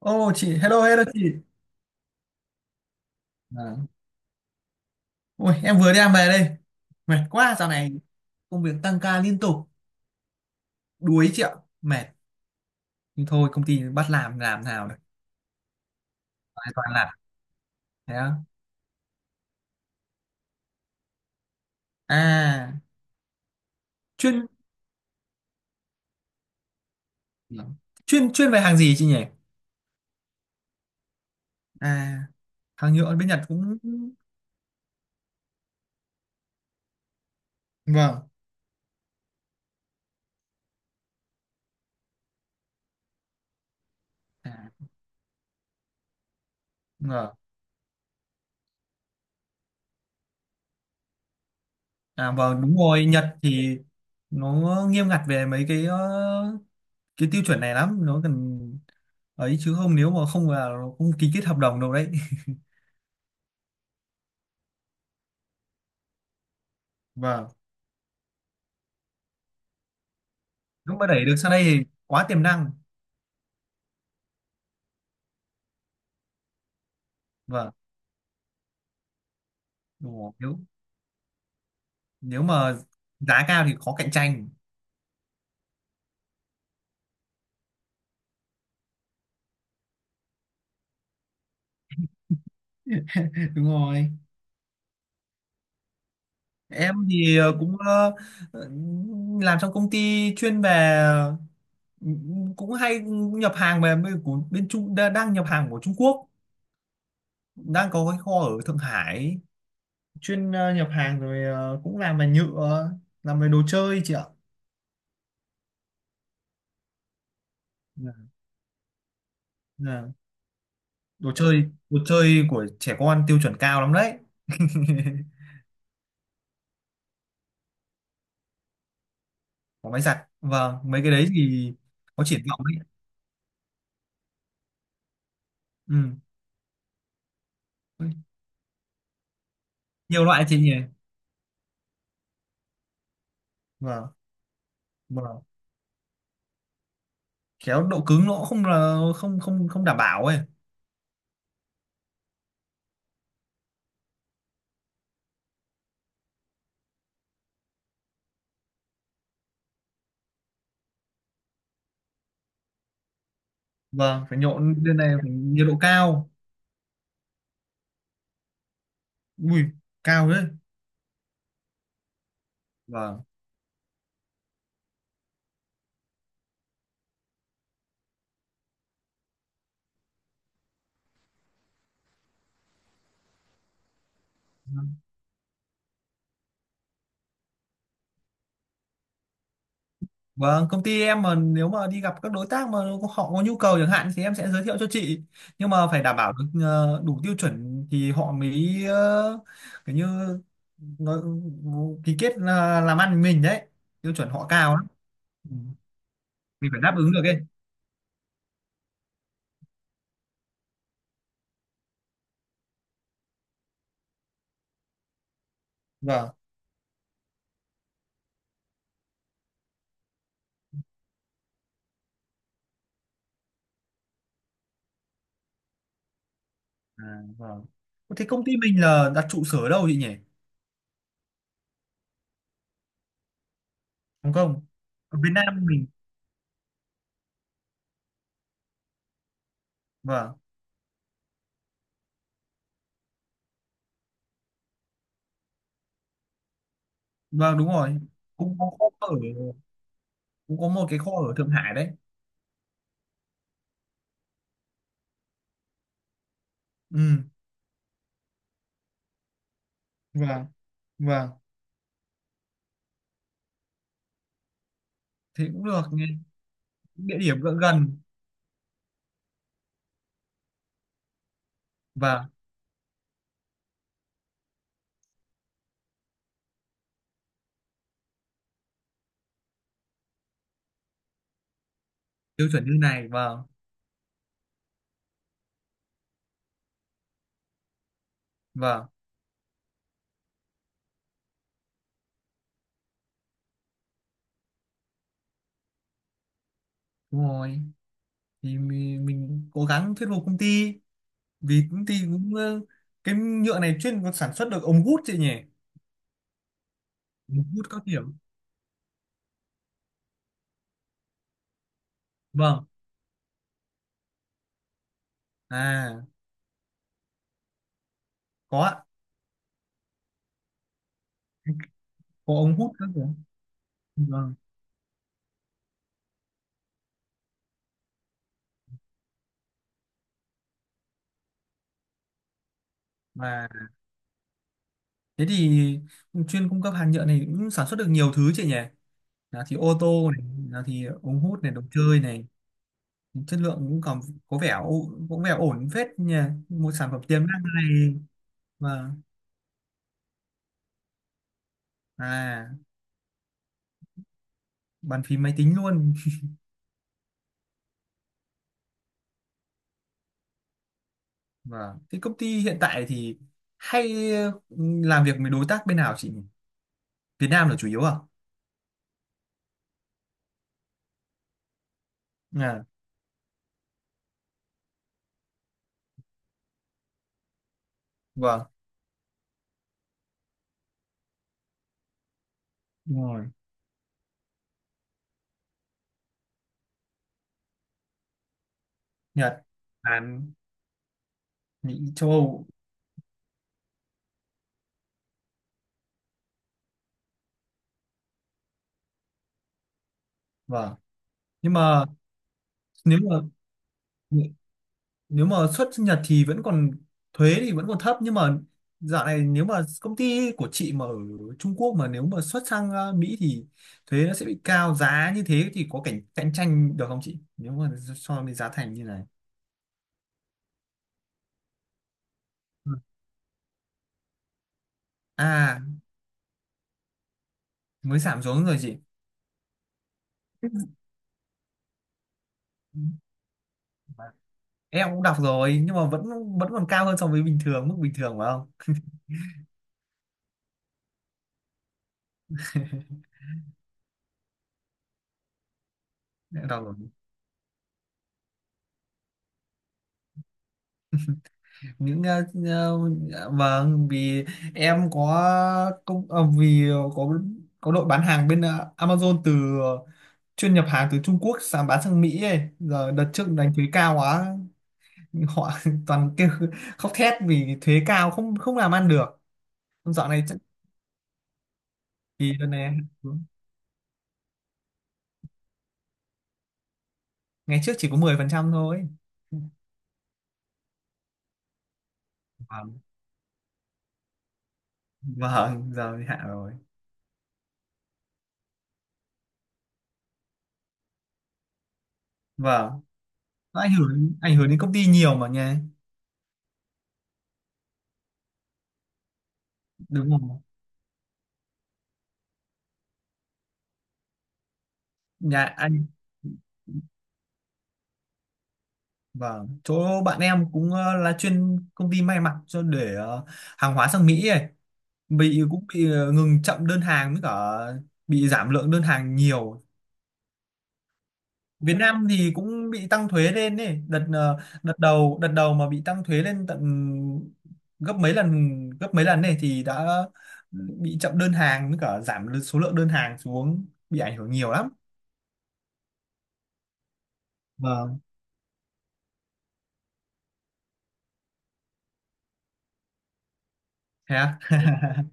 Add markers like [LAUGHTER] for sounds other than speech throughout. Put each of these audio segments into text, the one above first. Ô chị, hello hello chị. À, ôi, em vừa đi làm về đây. Mệt quá dạo này công việc tăng ca liên tục, đuối chị ạ. Mệt. Nhưng thôi công ty bắt làm nào được. Toàn toàn làm. Thế á. À, chuyên dạ. chuyên chuyên về hàng gì chị nhỉ? À, hàng nhựa bên Nhật cũng vâng. À, vâng. À, vâng đúng rồi, Nhật thì nó nghiêm ngặt về mấy cái tiêu chuẩn này lắm, nó cần ấy chứ không, nếu mà không là nó không ký kết hợp đồng đâu đấy. Vâng, nếu mà đẩy được sang đây thì quá tiềm năng. Vâng đúng rồi. Nếu nếu mà giá cao thì khó cạnh tranh. [LAUGHS] Đúng rồi. Em thì cũng ờ, làm trong công ty chuyên về, ừ, cũng hay nhập hàng về của bên Trung đang nhập hàng của Trung Quốc. Đang có cái kho ở Thượng Hải, chuyên nhập hàng, rồi cũng làm về nhựa, làm về đồ chơi chị ạ. Dạ. Dạ. đồ chơi đồ chơi của trẻ con tiêu chuẩn cao lắm đấy. [LAUGHS] Có máy giặt, vâng, mấy cái đấy thì có triển vọng đấy. Ừ. Nhiều loại chị nhỉ. Vâng, vâng. Khéo độ cứng nó cũng không, là không không không đảm bảo ấy. Vâng, phải nhộn, bên này phải nhiệt độ cao. Ui, cao đấy. Vâng, vâng. Công ty em mà nếu mà đi gặp các đối tác mà họ có nhu cầu chẳng hạn thì em sẽ giới thiệu cho chị. Nhưng mà phải đảm bảo được đủ tiêu chuẩn thì họ mới kiểu như nó ký kết là làm ăn với mình đấy. Tiêu chuẩn họ cao lắm. Ừ, mình phải đáp ứng được ấy. Vâng. À, vâng. Thế công ty mình là đặt trụ sở ở đâu chị nhỉ? Hồng Kông. Ở Việt Nam mình. Vâng. Vâng đúng rồi. cũng có kho ở cũng có một cái kho ở Thượng Hải đấy. Ừ. Vâng. Vâng. Thế cũng được nghe. Địa điểm gần gần. Vâng. Tiêu chuẩn như này. Vâng. Vâng. Đúng rồi. Thì mình cố gắng thuyết phục công ty, vì công ty cũng cái nhựa này chuyên sản xuất được ống hút chị nhỉ? Ống hút các kiểu. Vâng. À, có ạ. Có ống hút các kiểu, vâng. Và thế thì chuyên cung cấp hàng nhựa này cũng sản xuất được nhiều thứ chị nhỉ. Là thì ô tô này, là thì ống hút này, đồ chơi này. Chất lượng cũng còn có vẻ có vẻ ổn phết nhỉ. Một sản phẩm tiềm năng này. Và à, bàn phím máy tính luôn. Và cái công ty hiện tại thì hay, ừ, làm việc với đối tác bên nào chị nhỉ? Việt Nam là chủ yếu à? À vâng đúng rồi. Nhật, Hàn, Mỹ, châu Âu. Vâng nhưng mà nếu mà nếu mà xuất Nhật thì vẫn còn thuế thì vẫn còn thấp. Nhưng mà dạo này nếu mà công ty của chị mà ở Trung Quốc mà nếu mà xuất sang Mỹ thì thuế nó sẽ bị cao, giá như thế thì có cạnh cạnh tranh được không chị, nếu mà so với giá thành như này? Ừ. À, mới giảm xuống rồi chị. Ừ. Em cũng đọc rồi, nhưng mà vẫn vẫn còn cao hơn so với bình thường, mức bình thường phải không? [LAUGHS] Em đọc rồi, những vâng, vì em có vì có có đội bán hàng bên Amazon từ ờ, chuyên nhập hàng từ Trung Quốc sang bán sang Mỹ ấy. Giờ đợt trước đánh thuế cao quá, họ [LAUGHS] toàn kêu, khóc thét vì thuế cao, không không làm ăn được. dạo này chắc- thì đợt này, ngày trước chỉ có 10% thôi. Vâng, vâng giờ thì hạ rồi. Vâng. Nó ảnh hưởng đến công ty nhiều mà nha. Đúng không. Nhà anh Vâng, chỗ bạn em cũng là chuyên công ty may mặc cho để hàng hóa sang Mỹ ấy. Cũng bị ngừng, chậm đơn hàng với cả bị giảm lượng đơn hàng nhiều. Việt Nam thì cũng bị tăng thuế lên ấy, đợt đầu mà bị tăng thuế lên tận gấp mấy lần gấp mấy lần này thì đã bị chậm đơn hàng với cả giảm số lượng đơn hàng xuống, bị ảnh hưởng nhiều lắm. Vâng, thế à? [LAUGHS]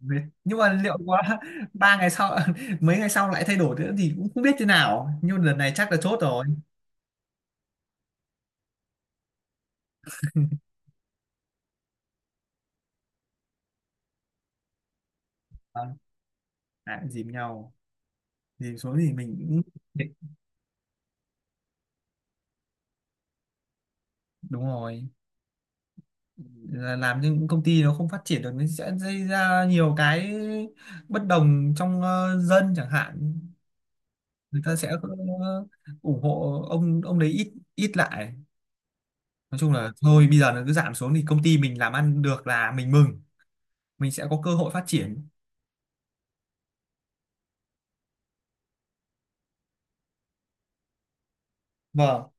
Đấy. Nhưng mà liệu có. [LAUGHS] ba ngày sau [LAUGHS] mấy ngày sau lại thay đổi nữa thì cũng không biết thế nào, nhưng lần này chắc là chốt rồi. À, à, cũng dìm nhau, dìm xuống thì mình cũng đúng rồi. Là làm những công ty nó không phát triển được, nó sẽ gây ra nhiều cái bất đồng trong dân chẳng hạn. Người ta sẽ ủng hộ ông đấy ít ít lại. Nói chung là thôi bây giờ nó cứ giảm xuống thì công ty mình làm ăn được là mình mừng, mình sẽ có cơ hội phát triển. Vâng,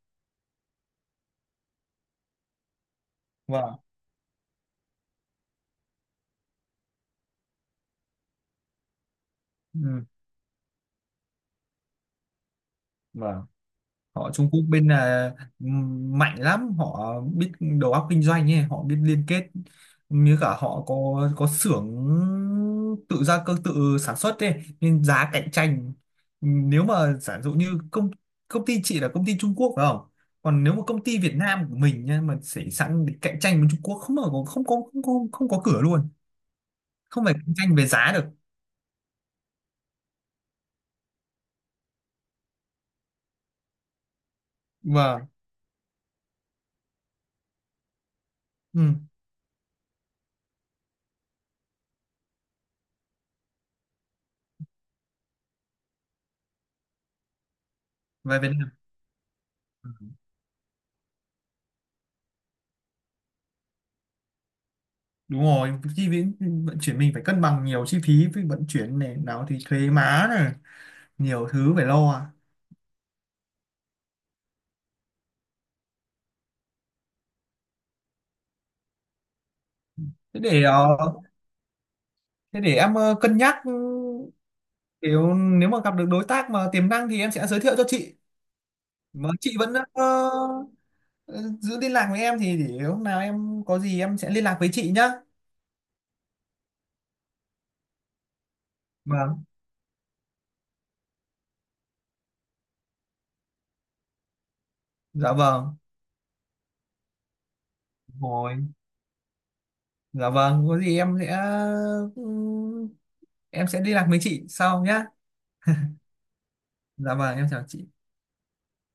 vâng. Ừ. Vâng. Họ Trung Quốc bên là, mạnh lắm, họ biết đầu óc kinh doanh ấy, họ biết liên kết, như cả họ có xưởng tự gia cơ, tự sản xuất ấy nên giá cạnh tranh. Nếu mà giả dụ như công công ty chị là công ty Trung Quốc phải không? Còn nếu mà công ty Việt Nam của mình nha mà xảy sẵn để cạnh tranh với Trung Quốc không, mà không có cửa luôn, không phải cạnh tranh về giá được. Vâng. Ừ. Về Việt Nam. Đúng rồi, chi phí vận chuyển mình phải cân bằng, nhiều chi phí với vận chuyển này nào thì thuế má này, nhiều thứ phải lo à. thế để ờ, thế để em cân nhắc, nếu nếu mà gặp được đối tác mà tiềm năng thì em sẽ giới thiệu cho chị, mà chị vẫn ờ, giữ liên lạc với em thì để lúc nào em có gì em sẽ liên lạc với chị nhá. Vâng, dạ vâng. Đúng rồi, dạ vâng có gì em sẽ, ừ, em sẽ liên lạc với chị sau nhá. Dạ vâng, em chào chị.